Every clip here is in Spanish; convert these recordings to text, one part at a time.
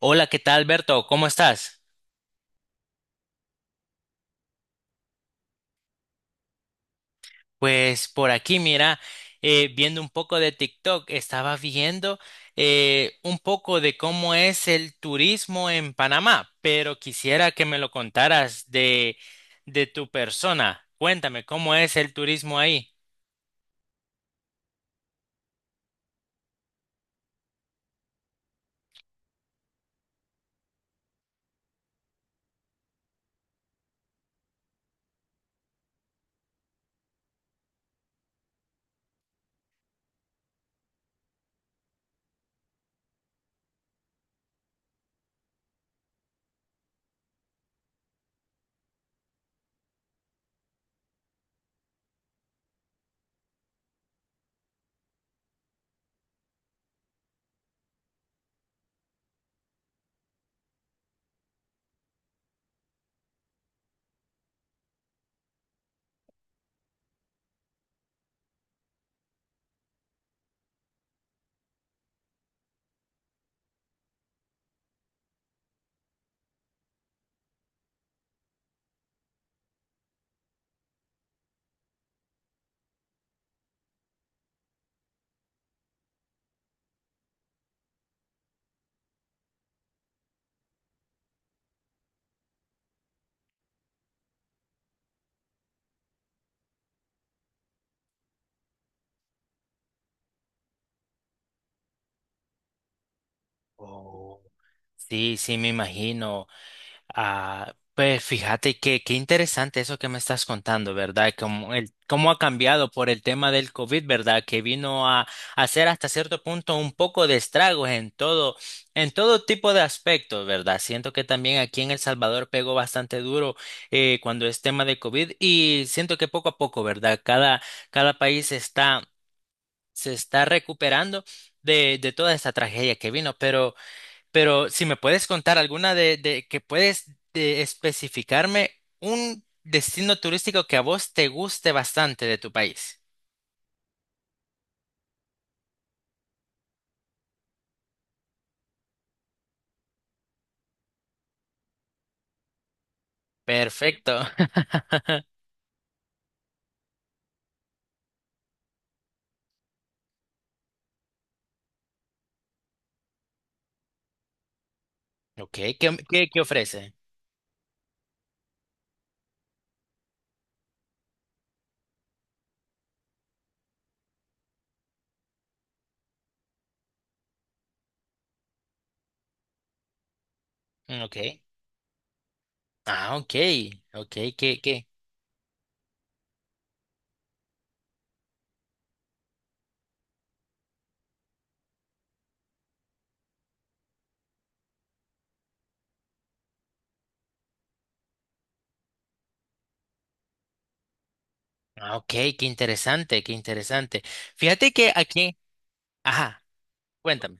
Hola, ¿qué tal, Alberto? ¿Cómo estás? Pues por aquí, mira, viendo un poco de TikTok, estaba viendo un poco de cómo es el turismo en Panamá, pero quisiera que me lo contaras de tu persona. Cuéntame, ¿cómo es el turismo ahí? Oh, sí, sí, me imagino. Ah, pues fíjate que qué interesante eso que me estás contando, ¿verdad? Como el, cómo ha cambiado por el tema del COVID, ¿verdad? Que vino a hacer hasta cierto punto un poco de estragos en todo tipo de aspectos, ¿verdad? Siento que también aquí en El Salvador pegó bastante duro cuando es tema de COVID y siento que poco a poco, ¿verdad? Cada país está, se está recuperando de toda esta tragedia que vino, pero si me puedes contar de que puedes de especificarme un destino turístico que a vos te guste bastante de tu país. Perfecto. Ok, ¿qué ofrece? Mm, ok. Ah, ok. Ok, qué. Ah, ok, qué interesante, qué interesante. Fíjate que aquí. Ajá, cuéntame.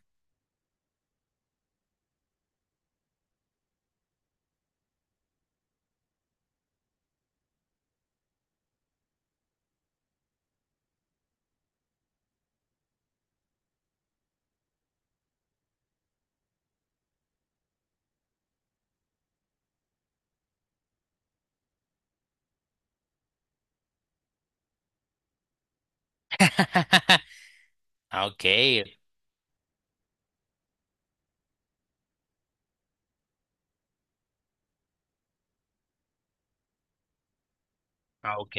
Ah, ok. Ah, ok.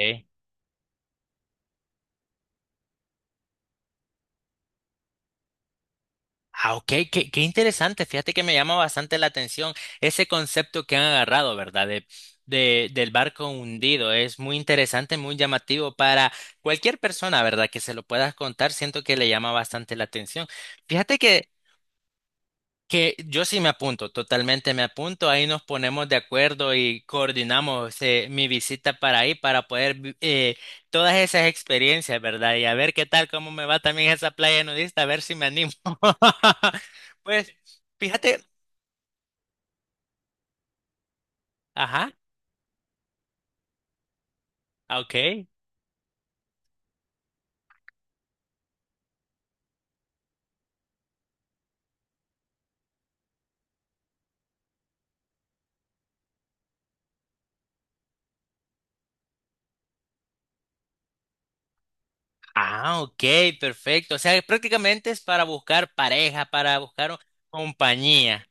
Ah, ok, qué interesante. Fíjate que me llama bastante la atención ese concepto que han agarrado, ¿verdad? De, del barco hundido. Es muy interesante, muy llamativo para cualquier persona, ¿verdad? Que se lo puedas contar. Siento que le llama bastante la atención. Fíjate que yo sí me apunto, totalmente me apunto, ahí nos ponemos de acuerdo y coordinamos mi visita para ahí para poder todas esas experiencias, ¿verdad? Y a ver qué tal, cómo me va también esa playa nudista, a ver si me animo. Pues, fíjate, ajá, ah, ok. Ah, ok, perfecto. O sea, prácticamente es para buscar pareja, para buscar compañía.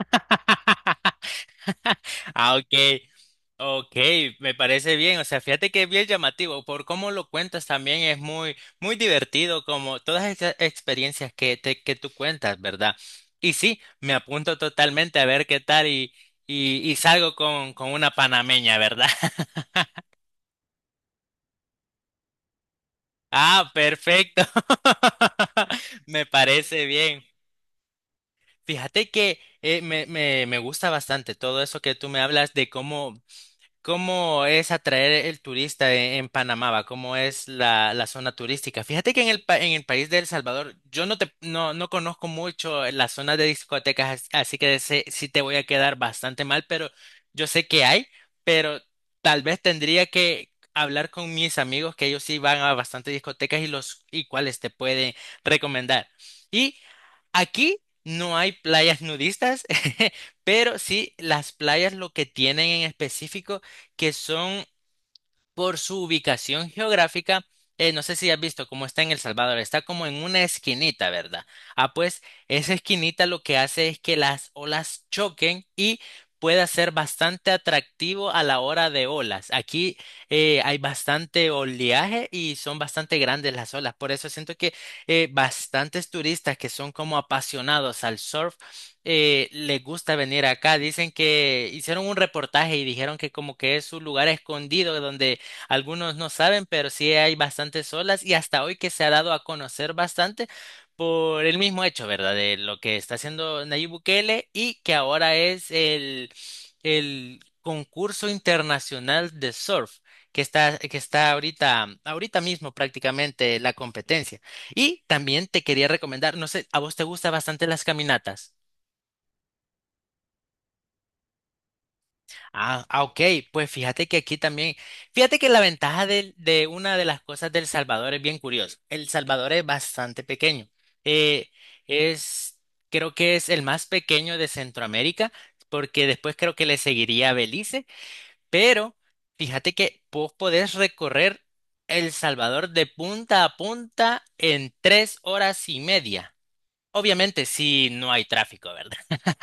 Ah, ok. Ok, me parece bien, o sea, fíjate que es bien llamativo, por cómo lo cuentas también es muy divertido, como todas esas experiencias que tú cuentas, ¿verdad? Y sí, me apunto totalmente a ver qué tal y salgo con una panameña, ¿verdad? Ah, perfecto, me parece bien. Fíjate que me gusta bastante todo eso que tú me hablas de cómo ¿cómo es atraer el turista en Panamá? ¿Va? ¿Cómo es la, la zona turística? Fíjate que en el, en el país de El Salvador yo no, te, no, no conozco mucho la zona de discotecas, así que sí te voy a quedar bastante mal, pero yo sé que hay, pero tal vez tendría que hablar con mis amigos que ellos sí van a bastantes discotecas y cuáles te pueden recomendar. Y aquí no hay playas nudistas, pero sí las playas lo que tienen en específico que son por su ubicación geográfica, no sé si has visto cómo está en El Salvador, está como en una esquinita, ¿verdad? Ah, pues esa esquinita lo que hace es que las olas choquen y pueda ser bastante atractivo a la hora de olas. Aquí hay bastante oleaje y son bastante grandes las olas, por eso siento que bastantes turistas que son como apasionados al surf les gusta venir acá. Dicen que hicieron un reportaje y dijeron que como que es un lugar escondido donde algunos no saben, pero sí hay bastantes olas y hasta hoy que se ha dado a conocer bastante por el mismo hecho, ¿verdad? De lo que está haciendo Nayib Bukele y que ahora es el concurso internacional de surf que está ahorita, ahorita mismo prácticamente la competencia. Y también te quería recomendar, no sé, ¿a vos te gustan bastante las caminatas? Ah, ah, ok, pues fíjate que aquí también, fíjate que la ventaja una de las cosas del Salvador es bien curiosa. El Salvador es bastante pequeño. Eh, es, creo que es el más pequeño de Centroamérica, porque después creo que le seguiría Belice, pero fíjate que vos podés recorrer El Salvador de punta a punta en 3 horas y media. Obviamente, si no hay tráfico, ¿verdad?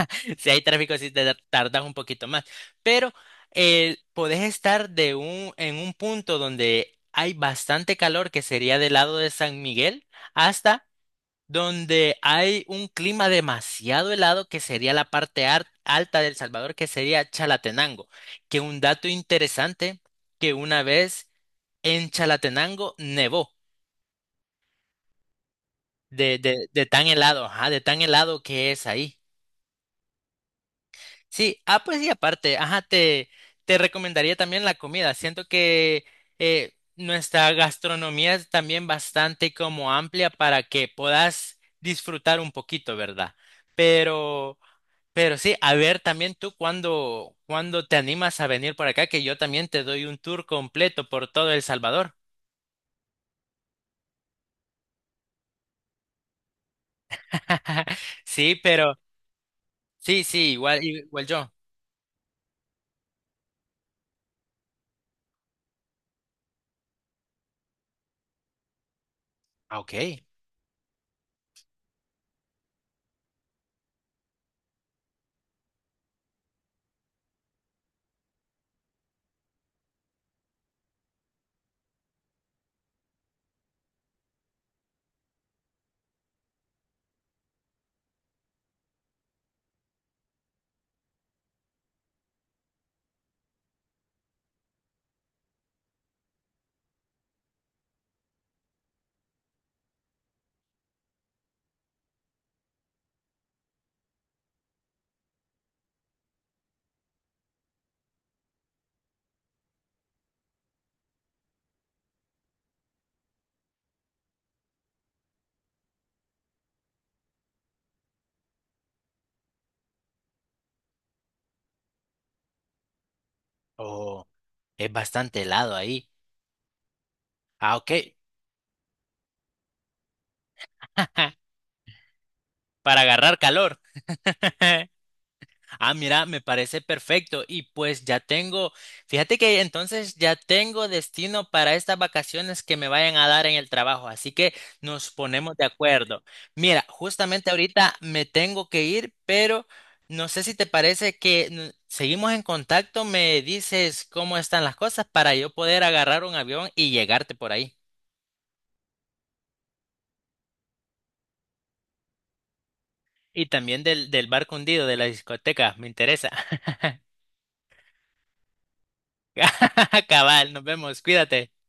Si hay tráfico, sí te tardas un poquito más. Pero podés estar de en un punto donde hay bastante calor, que sería del lado de San Miguel, hasta donde hay un clima demasiado helado, que sería la parte alta del Salvador, que sería Chalatenango. Que un dato interesante, que una vez en Chalatenango nevó de tan helado, ajá, de tan helado que es ahí. Sí, ah, pues y aparte, ajá, te recomendaría también la comida. Siento que nuestra gastronomía es también bastante como amplia para que puedas disfrutar un poquito, ¿verdad? Pero, pero sí, a ver también tú cuando te animas a venir por acá, que yo también te doy un tour completo por todo El Salvador. Sí, pero sí, sí, igual, igual yo. Ah, ok. Oh, es bastante helado ahí. Ah, ok. Para agarrar calor. Ah, mira, me parece perfecto. Y pues ya tengo, fíjate que entonces ya tengo destino para estas vacaciones que me vayan a dar en el trabajo. Así que nos ponemos de acuerdo. Mira, justamente ahorita me tengo que ir, pero no sé si te parece que seguimos en contacto. Me dices cómo están las cosas para yo poder agarrar un avión y llegarte por ahí. Y también del, del barco hundido, de la discoteca, me interesa. Cabal, nos vemos, cuídate.